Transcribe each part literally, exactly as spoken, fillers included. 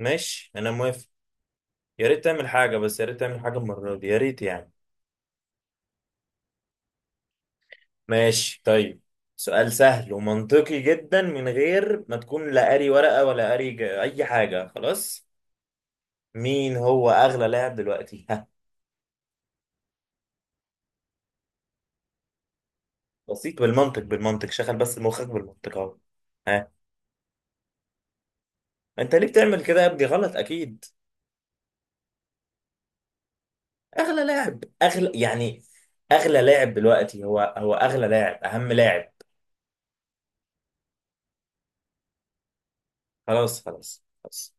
ماشي، انا موافق. يا ريت تعمل حاجة، بس يا ريت تعمل حاجة المرة دي، يا ريت يعني. ماشي طيب. سؤال سهل ومنطقي جدا، من غير ما تكون لا قاري ورقة ولا قاري ج- اي حاجة خلاص. مين هو اغلى لاعب دلوقتي؟ ها. بسيط، بالمنطق بالمنطق، شغل بس مخك بالمنطق اهو. ها. انت ليه بتعمل كده يا ابني؟ غلط اكيد. اغلى لاعب، اغلى يعني. اغلى لاعب دلوقتي هو هو اغلى لاعب، اهم لاعب. خلاص خلاص خلاص.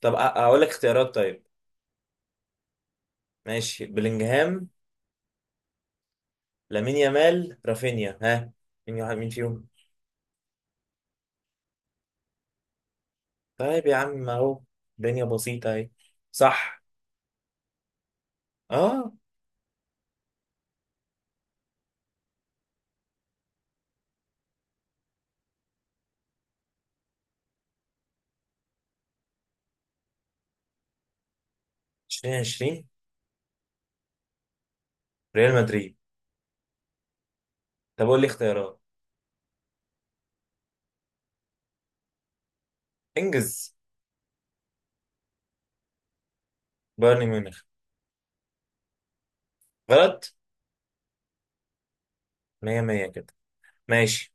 طب أ- اقول لك اختيارات طيب. ماشي، بلينجهام، لامين يامال، رافينيا. ها، مين واحد، مين فيهم؟ طيب يا عم اهو. الدنيا بسيطة اهي. صح. اه، ألفان وعشرون مدريد. طب قول لي اختيارات. انجز. بايرن ميونخ. غلط. مية مية كده. ماشي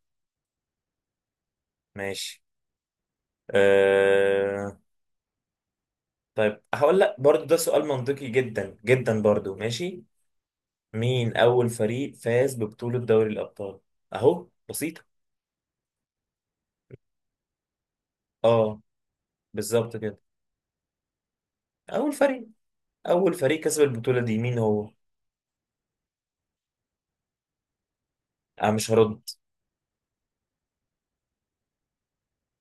ماشي. آه... طيب هقول لك برضو، ده سؤال منطقي جدا جدا برضو. ماشي، مين اول فريق فاز ببطولة دوري الابطال؟ اهو بسيطة. اه، بالظبط كده. اول فريق، اول فريق كسب البطولة دي مين هو؟ انا مش هرد.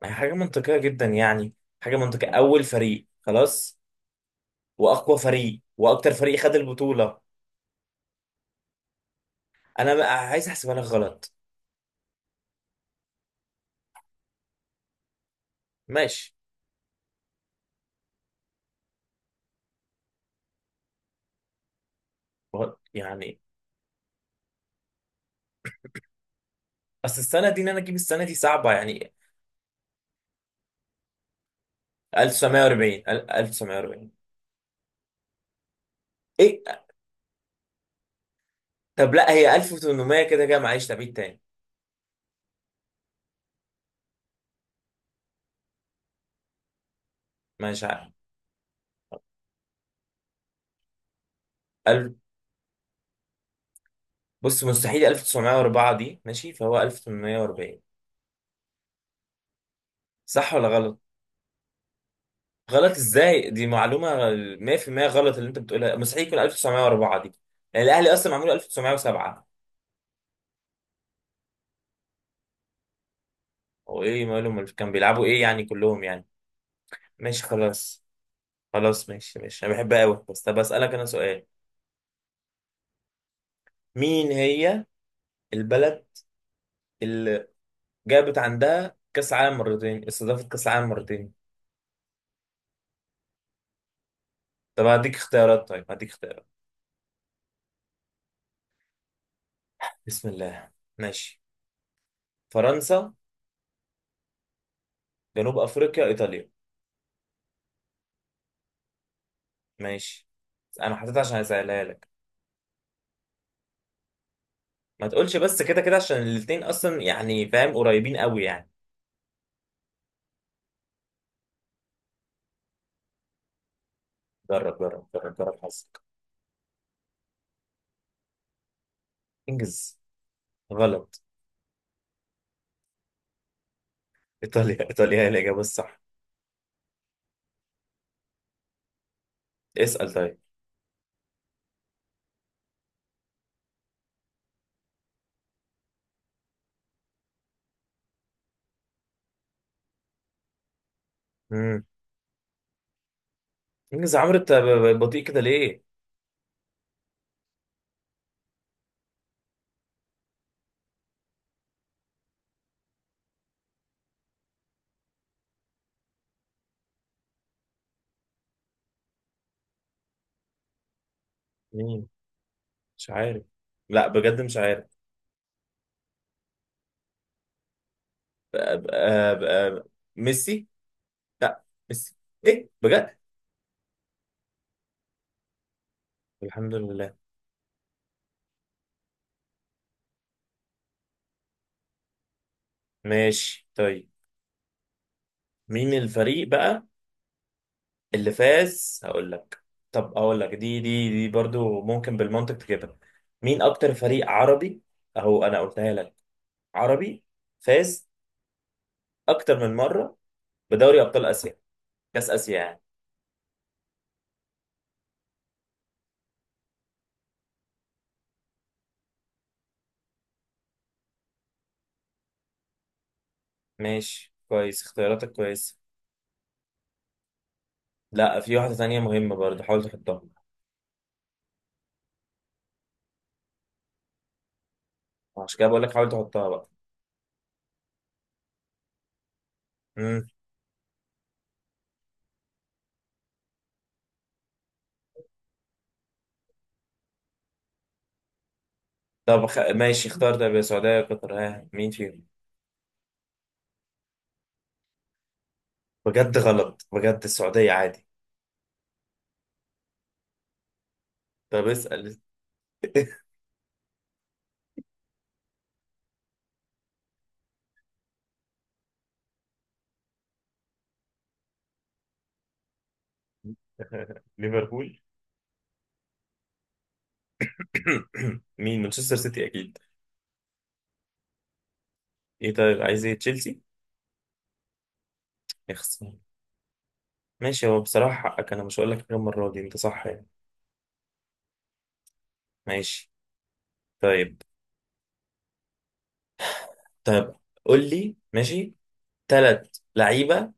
حاجة منطقية جدا يعني. حاجة منطقية، أول فريق خلاص. وأقوى فريق، وأكتر فريق خد البطولة. أنا بقى عايز أحسبها لك غلط. ماشي. غلط يعني. أصل السنة دي، إن أنا أجيب السنة دي صعبة يعني. ألف وتسعمائة وأربعين، ال- ألف وتسعمائة وأربعين. إيه؟ طب لا، هي ألف وتمنمية كده كده، معلش تبعيد تاني. مش عارف. ال- بص، مستحيل ألف وتسعمائة وأربعة دي ماشي، فهو ألف وثمانمائة وأربعين. صح ولا غلط؟ غلط ازاي؟ دي معلومه. مئة بالمئة غلط اللي انت بتقولها، مستحيل يكون ألف وتسعمائة وأربعة دي. يعني الاهلي اصلا معمول ألف وتسعمائة وسبعة. هو ايه مالهم؟ كان بيلعبوا ايه يعني كلهم يعني؟ ماشي خلاص. خلاص ماشي ماشي، انا بحبها قوي بس. طب اسالك انا سؤال. مين هي البلد اللي جابت عندها كاس عالم مرتين، استضافت كاس عالم مرتين؟ طب هديك اختيارات، طيب هديك اختيارات. بسم الله. ماشي. فرنسا، جنوب افريقيا، ايطاليا. ماشي. انا حطيتها عشان اسالها لك. ما تقولش بس كده كده، عشان الاتنين اصلا يعني فاهم، قريبين قوي يعني. جرب جرب جرب جرب حظك. انجز. غلط. ايطاليا، ايطاليا هي الاجابه الصح. اسال طيب. امم انجز يا عمرو، انت ب- ب- بطيء كده ليه؟ مين؟ مش عارف. لا، بجد مش عارف. أ- أ- أ- ميسي؟ لا ميسي. ايه بجد؟ الحمد لله. ماشي طيب. مين الفريق بقى اللي فاز؟ هقول لك. طب هقول لك، دي دي دي برضو ممكن بالمنطق تجيبها. مين اكتر فريق عربي؟ اهو انا قلتها لك. عربي، فاز اكتر من مرة بدوري ابطال اسيا، كاس اسيا يعني. ماشي كويس، اختياراتك كويسة. لا، في واحدة تانية مهمة برضو، حاول تحطها. عشان كده بقول لك حاول تحطها بقى. امم طب خ... ماشي، اختار. طب يا سعودية يا قطر؟ ها، مين فيهم؟ بجد؟ غلط، بجد السعودية عادي. طب اسأل. ليفربول. مين؟ مانشستر سيتي اكيد. ايه؟ طيب عايز ايه؟ تشيلسي. يا خسارة. ماشي، هو بصراحة حقك، انا مش هقول لك حاجة، المرة دي انت صح يعني. ماشي. طيب طيب، قول لي. ماشي، ثلاث لعيبة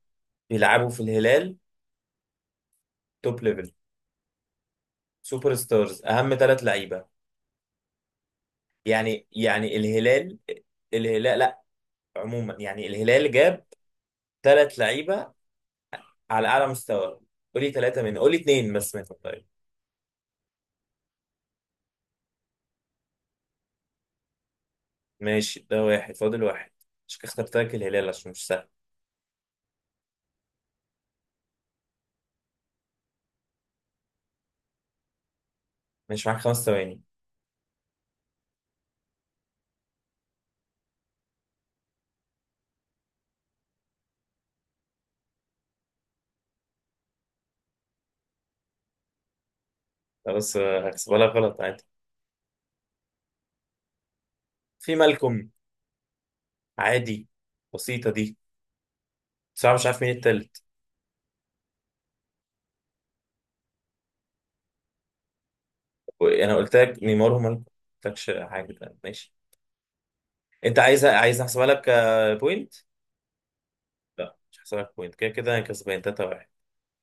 بيلعبوا في الهلال، توب ليفل، سوبر ستارز، اهم ثلاث لعيبة. يعني يعني الهلال، الهلال لا، عموما يعني الهلال جاب ثلاث لعيبة على اعلى مستوى. قول لي ثلاثة منهم، قول لي اثنين بس منهم طيب. ماشي، ده واحد، فاضل واحد. مش اخترت لك الهلال عشان مش سهل. ماشي، معاك خمس ثواني. لا، بس هحسبها لك غلط. في مالكوم، عادي، بسيطة دي. بصراحة مش عارف مين التالت. و- انا قلت لك نيمار ومالكوم، ما قلتلكش حاجة تانية. ماشي. انت عايز عايز احسبها لك آه، بوينت. لا، مش هحسبها لك بوينت، كده كده انا كسبان تلاتة واحد.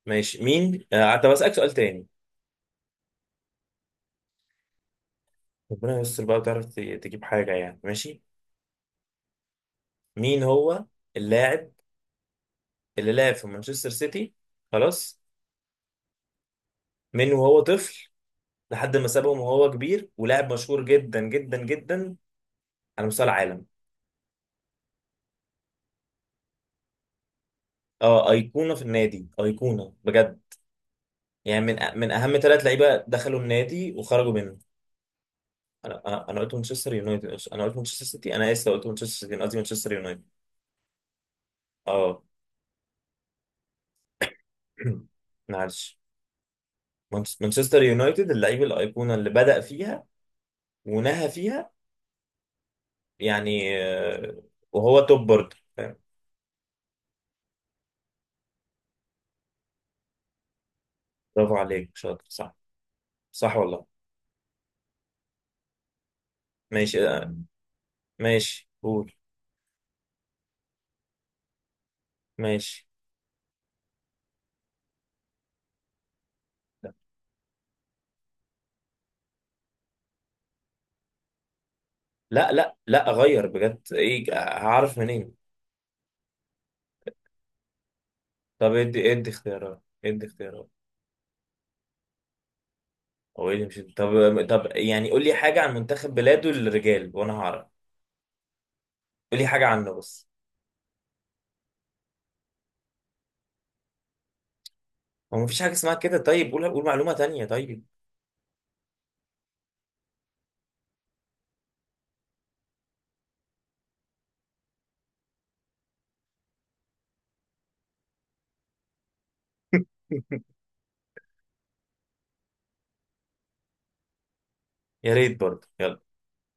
ماشي، مين آه، طب اسألك سؤال تاني. ربنا يستر بقى، وتعرف ت- تجيب حاجة يعني. ماشي، مين هو اللاعب اللي لعب في مانشستر سيتي، خلاص، من وهو طفل لحد ما سابهم وهو كبير، ولاعب مشهور جدا جدا جدا على مستوى العالم؟ اه، ايقونه في النادي، ايقونه بجد. يعني من أ- من اهم ثلاث لعيبه دخلوا النادي وخرجوا منه. انا انا أنا قلت مانشستر يونايتد، انا قلت مانشستر سيتي، انا اسف، لو قلت مانشستر سيتي أنا قصدي مانشستر يونايتد. اه. معلش. مانش- مانشستر يونايتد، اللعيب الايقونه اللي بدأ فيها ونهى فيها. يعني آه، وهو توب برضه، فاهم؟ برافو عليك، شاطر، صح. صح والله. ماشي آه، ماشي، قول. ماشي. لا لا لا، غير، بجد ايه هعرف منين؟ طب ادي ادي اختيارات، ادي اختيارات. هو ايه اللي مش؟ طب طب، يعني قول لي حاجة عن منتخب بلاده للرجال وانا هعرف. قول لي حاجة عنه بس. هو مفيش حاجة اسمها كده. طيب، قول قول معلومة تانية طيب. يا ريت برضه، يلا.